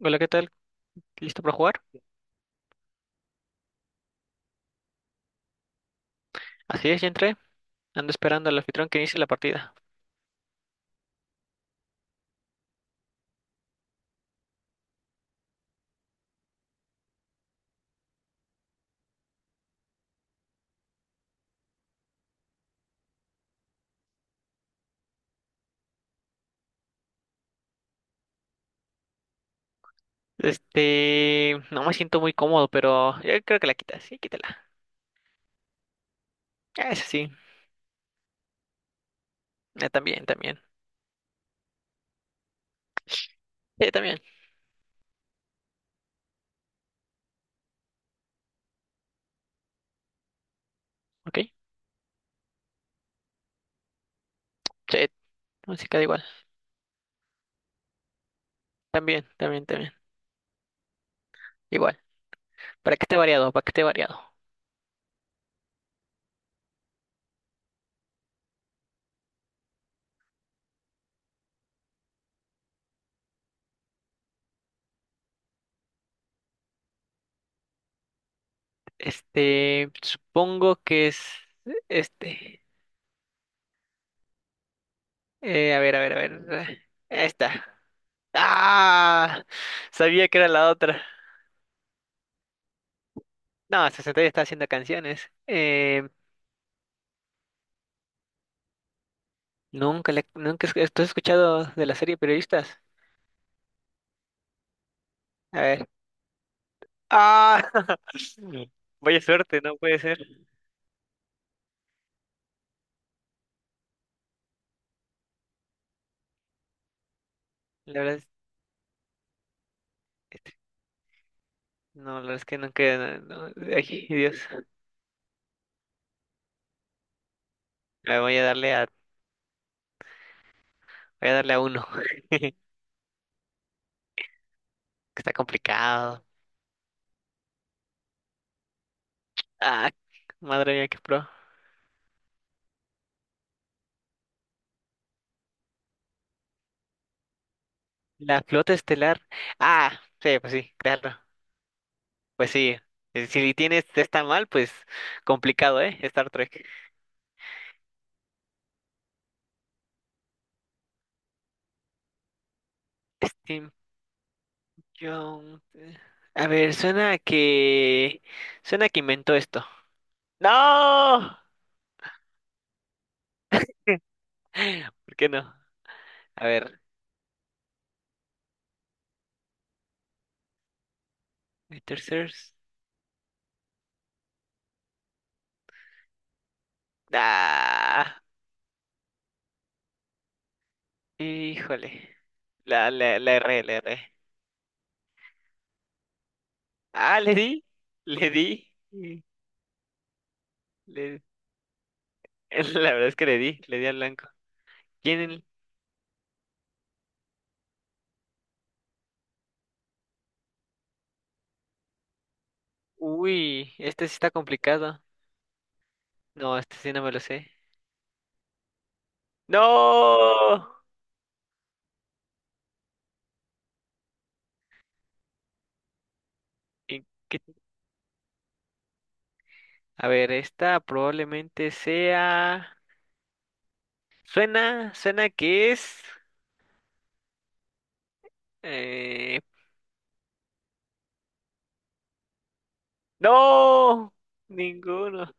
Hola, ¿qué tal? ¿Listo para jugar? Así es, ya entré. Ando esperando al anfitrión que inicie la partida. No me siento muy cómodo, pero yo creo que la quitas. Sí, quítala. Ah, eso sí. Ah, también, también. Sí, también. Ok. Sí, música da igual. También, también, también. Igual. Para que esté variado, para que esté variado. Supongo que es este. A ver, a ver, a ver. Esta. ¡Ah! Sabía que era la otra. No, 60 ya está haciendo canciones. Nunca escuchado de la serie Periodistas. A ver. ¡Ah! Vaya suerte, no puede ser. La verdad es, este, no, la verdad es que nunca. No, no, ay, Dios. A voy a darle a, Voy a darle a uno. que Está complicado. Ah, madre mía, qué pro. La flota estelar. Ah, sí, pues sí, claro. Pues sí. Si tienes está mal, pues complicado, ¿eh? Star Trek. John. A ver, suena a que. Suena a que inventó esto. ¡No! ¿Qué? ¿Por qué no? A ver. Tercers. ¡Ah! Híjole. La erré, la erré. Ah, le di. Le di. le- La verdad es que le di. Le di al blanco. ¿Quién? Uy, este sí está complicado. No, este sí no me lo sé. ¡No! ¿Y qué- A ver, esta probablemente sea. Suena, suena que es. eh, ¡No! Ninguno.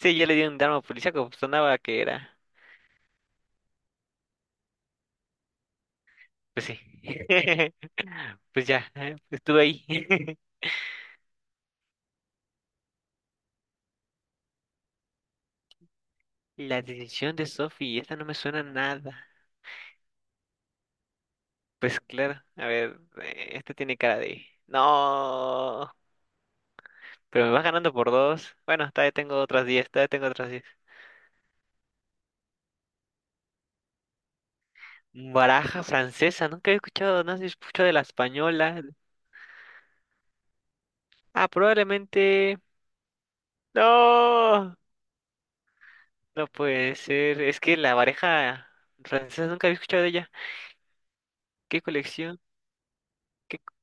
Sí, yo le di un drama policíaco, pues, sonaba que era. Pues sí. Pues ya, estuve ahí. La decisión de Sophie, esta no me suena a nada. Pues claro, a ver, esta tiene cara de. ¡No! Pero me vas ganando por dos. Bueno, todavía tengo otras 10, todavía tengo otras 10. Baraja francesa, nunca he escuchado, no se escuchado de la española. Ah, probablemente. ¡No! No puede ser. Es que la pareja francesa nunca había escuchado de ella. ¿Qué colección? ¿Qué co-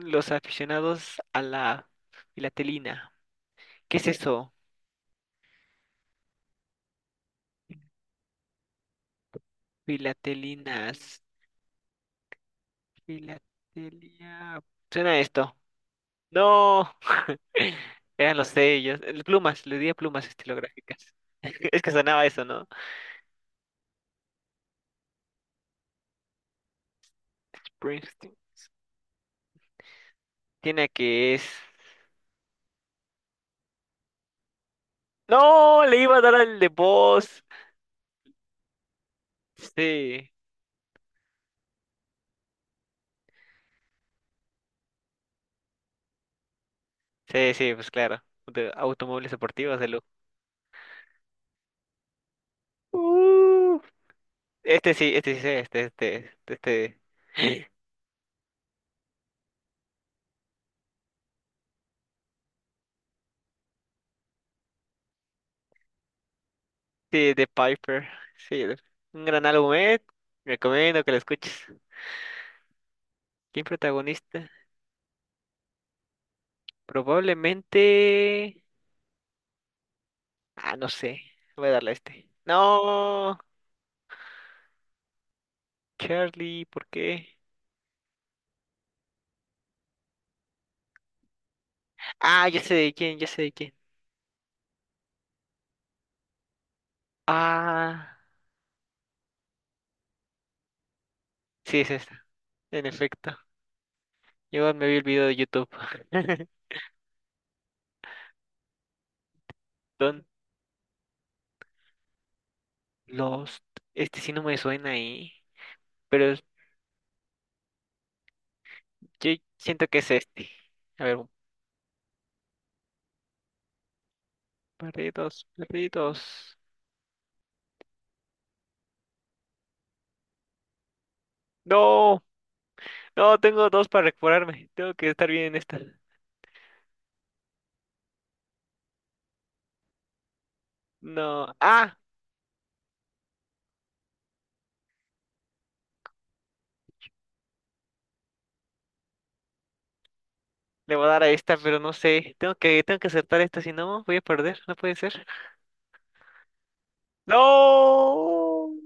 ¿Los aficionados a la filatelina? ¿Qué es eso? Filatelinas. Filatelia. Suena a esto. No. Eran los sellos. Plumas. Le di a plumas estilográficas. Es que sonaba eso, ¿no? Springsteen. Tiene que es. No, le iba a dar al de voz. Sí. Sí, sí, pues claro. De automóviles deportivos. Uh, este sí, este sí, sé, este, este, este, este. Sí, de Piper. Sí, un gran álbum, eh. Recomiendo que lo escuches. ¿Quién protagonista? Probablemente. Ah, no sé. Voy a darle a este. No, Charlie, ¿por qué? Ah, ya sé de quién, ya sé de quién. Ah, sí, es esta. En efecto. Yo me vi el video de YouTube. Don Lost. Este sí no me suena ahí. Pero Yo siento que es este. A ver. Perritos, perritos. No, no, tengo dos para recuperarme. Tengo que estar bien en esta. No, ah, Le voy a dar a esta, pero no sé. Tengo que aceptar esta, si no, voy a perder. No puede ser. No,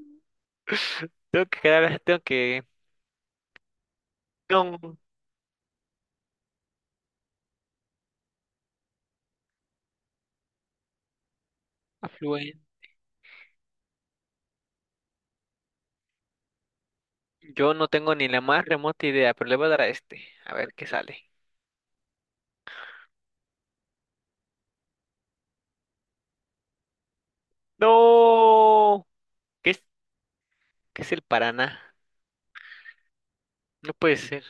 Tengo que quedar, tengo que. No, afluente. Yo no tengo ni la más remota idea, pero le voy a dar a este. A ver qué sale. No, ¿qué es, qué es el Paraná? No puede ser.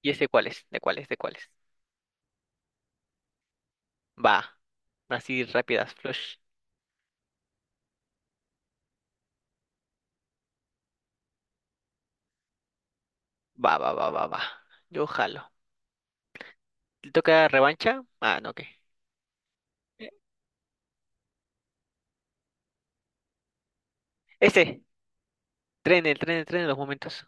¿Y ese cuál es? ¿De cuál es? ¿De cuál es? Va. Así rápidas, flush. Va, va, va, va, va. Yo jalo. ¿Le toca revancha? Ah, no, ok. Eh, Ese. Tren, el tren, el tren en los momentos.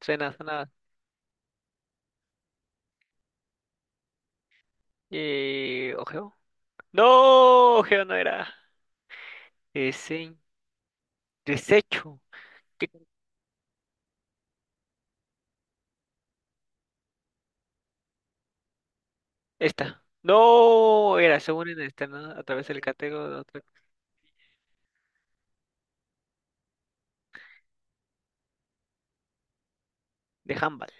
Suena, suena. Ojeo. No, ojeo no era. Ese. Desecho. ¿Qué? Esta. No, era, según en esta, ¿no? A través del catego de otra. De handball.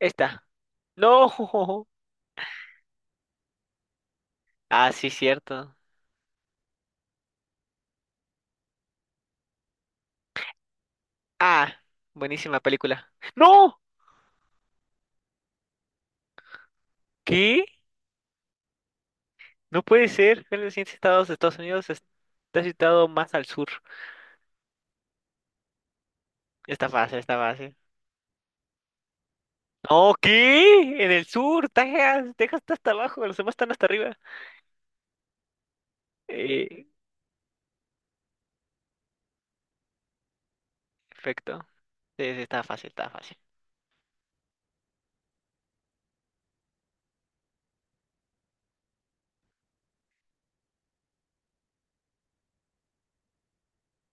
Esta. No. Ah, sí, cierto. Ah, buenísima película. ¡No! ¿Qué? No puede ser. Uno de los 100 estados de Estados Unidos está situado más al sur. Está fácil, está fácil. No, ¿qué? En el sur, Texas. Texas está hasta abajo, los demás están hasta arriba. Eh, Perfecto. Sí, sí, está fácil, está fácil.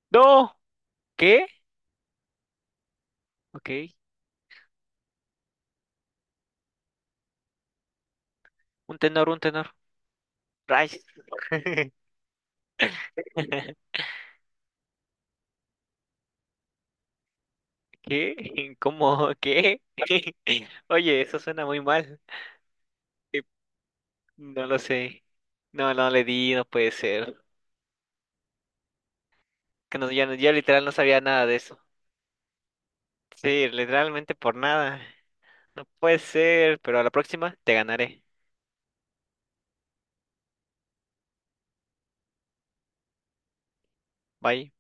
No, ¿qué? Ok, un tenor, un tenor. Rice. ¿Qué? ¿Cómo? ¿Qué? Oye, eso suena muy mal. Eh, No lo sé. No, no le di, no puede ser. Que no. Ya literal no sabía nada de eso. Sí, literalmente por nada. No puede ser, pero a la próxima te ganaré. Bye.